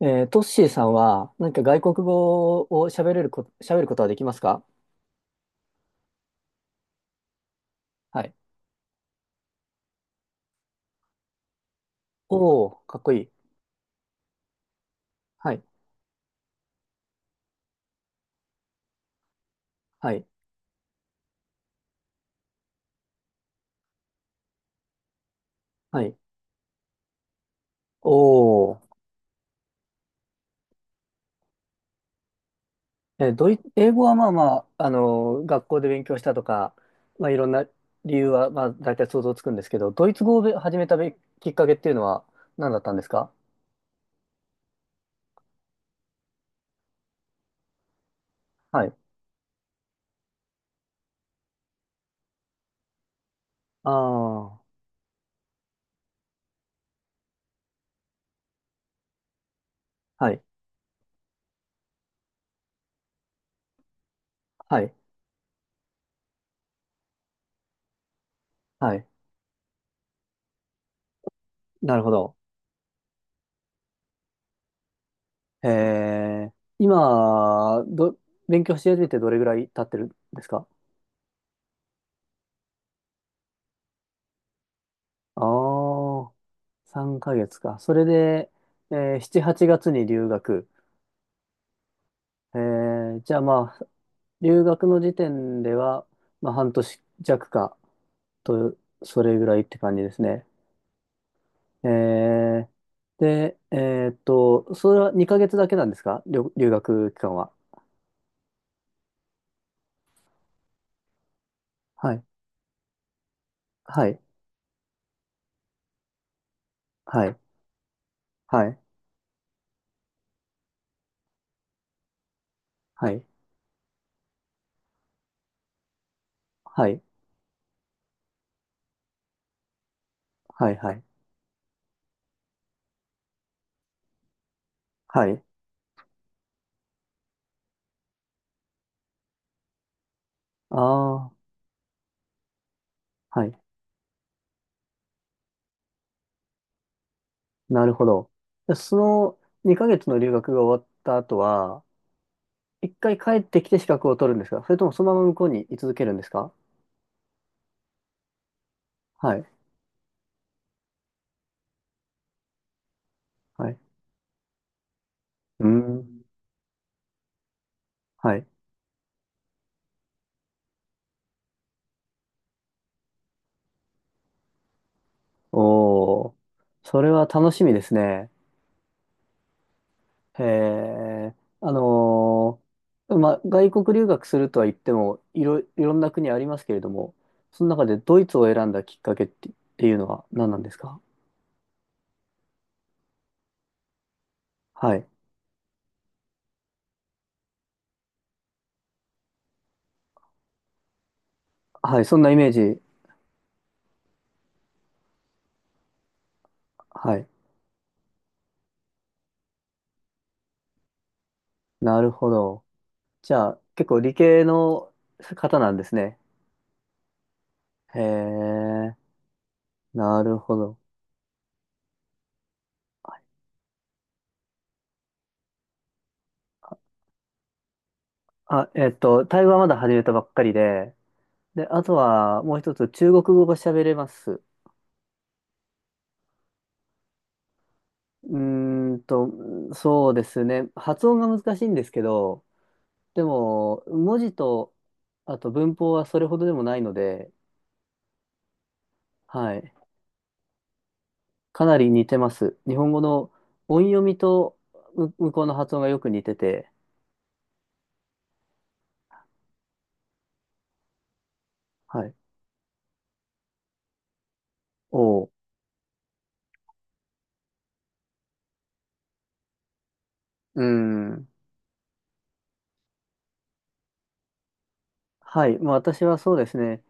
トッシーさんは何か外国語を喋れる喋ることはできますか？はい。おお、かっこいい。はい、はい、はい。おお。英語はまあまあ、学校で勉強したとか、まあいろんな理由は、まあ大体想像つくんですけど、ドイツ語を始めたきっかけっていうのは何だったんですか？はい。ああ。はい、はい、はい。なるほど。えー、今、勉強し始めてどれぐらい経ってるんですか？ああー、3ヶ月か。それで、7、8月に留学。じゃあまあ、留学の時点では、まあ、半年弱かと、それぐらいって感じですね。えー、で、それは2ヶ月だけなんですか？留学期間は。はい。はい。はい。はい。はい。はい。はい。はい。はい。ああ、はい。なるほど。でその2ヶ月の留学が終わった後は、一回帰ってきて資格を取るんですか？それともそのまま向こうに居続けるんですか？はい。はい。うーん。はい。おー。それは楽しみですね。へえ。あのまあ、外国留学するとは言っても、いろんな国ありますけれども、その中でドイツを選んだきっかけって、っていうのは何なんですか？はい。はい。そんなイメージ。はい。なるほど。じゃあ、結構理系の方なんですね。へえ。なるほど。あ、えっと、タイ語はまだ始めたばっかりで、で、あとはもう一つ、中国語が喋れます。うーんと、そうですね。発音が難しいんですけど、でも、文字と、あと文法はそれほどでもないので、はい。かなり似てます。日本語の音読みと向こうの発音がよく似てて、はい。おう。うーん。はい。まあ、私はそうですね。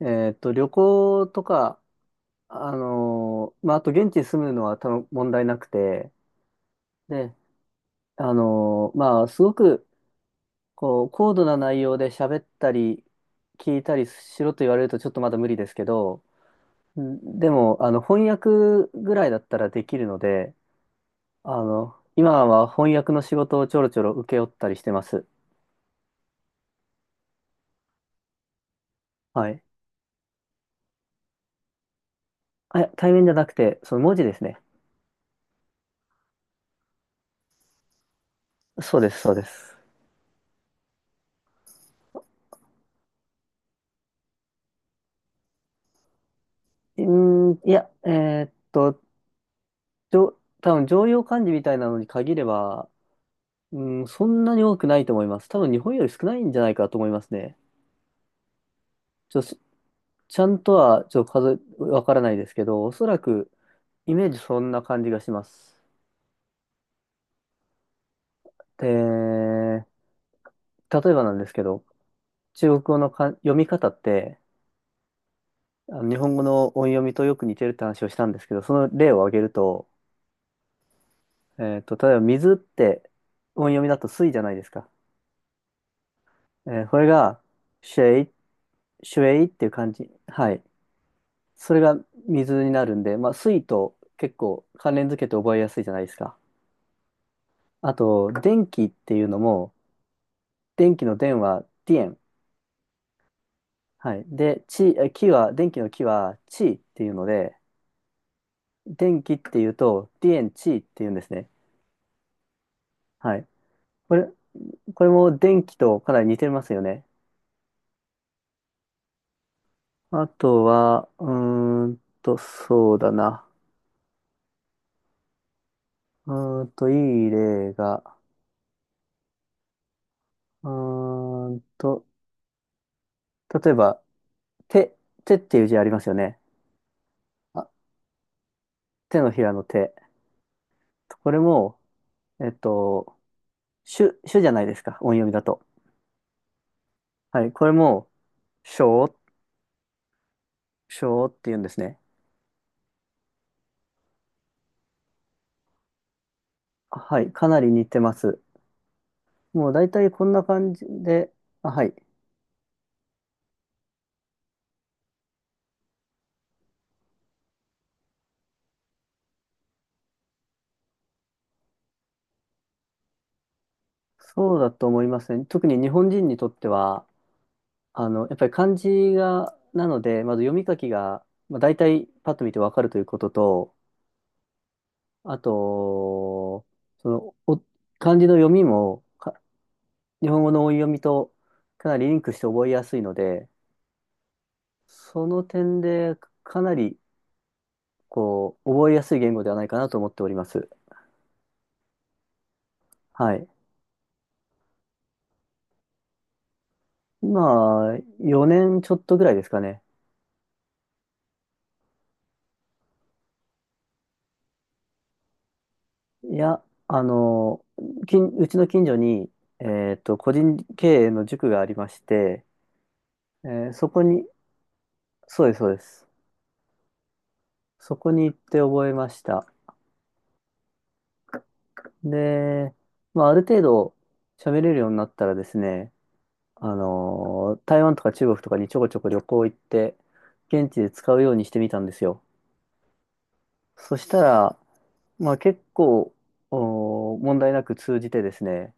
えっと、旅行とか、まあ、あと現地に住むのは多分問題なくて、で、まあ、すごく、こう、高度な内容で喋ったり、聞いたりしろと言われるとちょっとまだ無理ですけど、んでも、あの、翻訳ぐらいだったらできるので、あの、今は翻訳の仕事をちょろちょろ請け負ったりしてます。はい。あ、対面じゃなくて、その文字ですね。そうです、そうです。うーん、いや、多分常用漢字みたいなのに限れば、うん、そんなに多くないと思います。多分日本より少ないんじゃないかと思いますね。ちょ、しちゃんとはちょっとわからないですけど、おそらくイメージそんな感じがします。で、例えばなんですけど、中国語の読み方って、あの日本語の音読みとよく似てるって話をしたんですけど、その例を挙げると、えっと、例えば水って音読みだと水じゃないですか。これが、シェイ、シュエイっていう感じ。はい。それが水になるんで、まあ、水と結構関連づけて覚えやすいじゃないですか。あと、電気っていうのも、電気の電は電。はい。で、気は、電気の気は地っていうので、電気っていうと、電地っていうんですね。はい。これ、これも電気とかなり似てますよね。あとは、そうだな。いい例が、うーんと、例えば、手、手っていう字ありますよね。あ、手のひらの手。これも、えっと、主じゃないですか、音読みだと。はい、これも、しょう、しょうって言うんですね。はい、かなり似てます。もう大体こんな感じで、あ、はい、そうだと思いますね。特に日本人にとっては、あの、やっぱり漢字が、なので、まず読み書きが、まあ、大体パッと見てわかるということと、あと、その、漢字の読みも、日本語の音読みとかなりリンクして覚えやすいので、その点で、かなり、こう、覚えやすい言語ではないかなと思っております。はい。今、4年ちょっとぐらいですかね。いや、あの、うちの近所に、えっと、個人経営の塾がありまして、そこに、そうです、そうです。そこに行って覚えました。で、まあ、ある程度喋れるようになったらですね、あの、台湾とか中国とかにちょこちょこ旅行行って、現地で使うようにしてみたんですよ。そしたら、まあ結構、問題なく通じてですね、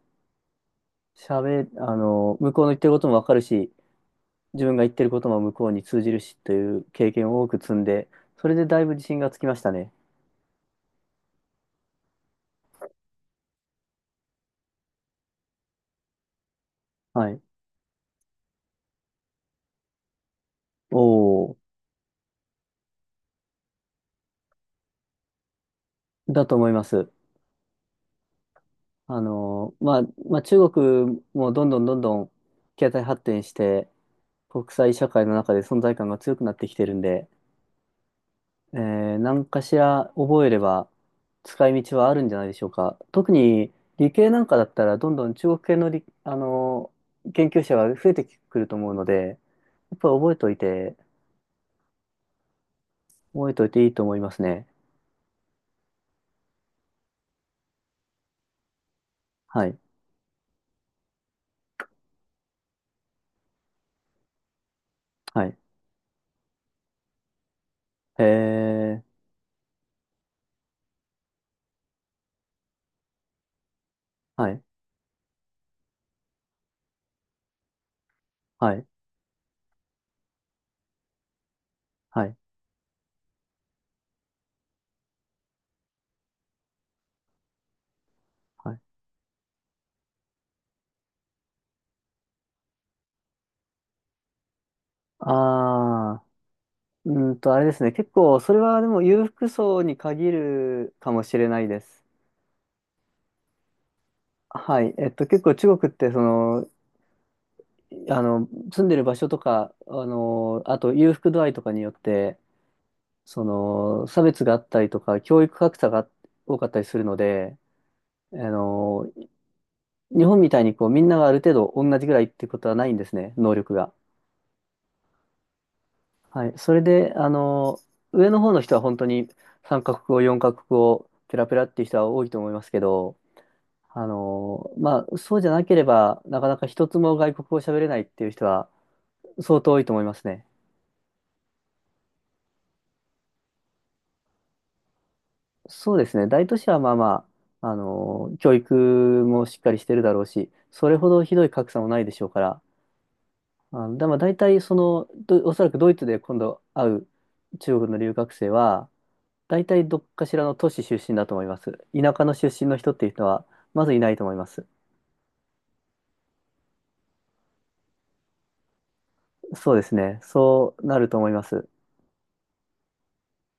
あの、向こうの言ってることもわかるし、自分が言ってることも向こうに通じるしという経験を多く積んで、それでだいぶ自信がつきましたね。はい。おお、だと思います。あの、まあ、中国もどんどんどんどん経済発展して、国際社会の中で存在感が強くなってきてるんで、何かしら覚えれば使い道はあるんじゃないでしょうか。特に理系なんかだったらどんどん中国系のあの研究者が増えてくると思うので、やっぱり覚えといていいと思いますね。はい。はい。えー、はい。はい。はい。はい。ああれですね。結構、それはでも裕福層に限るかもしれないです。はい。えっと、結構中国って、その、あの、住んでる場所とか、あの、あと裕福度合いとかによって、その、差別があったりとか、教育格差が多かったりするので、あの、日本みたいにこう、みんながある程度同じぐらいってことはないんですね、能力が。はい。それで、あの、上の方の人は本当に3カ国語、4カ国語、ペラペラっていう人は多いと思いますけど、あの、まあ、そうじゃなければ、なかなか一つも外国語を喋れないっていう人は相当多いと思いますね。そうですね。大都市はまあまあ、教育もしっかりしてるだろうし、それほどひどい格差もないでしょうから、あの、でも大体その、おそらくドイツで今度会う中国の留学生は、大体どっかしらの都市出身だと思います。田舎の出身の人っていう人は、まずいないと思います。そうですね。そうなると思います。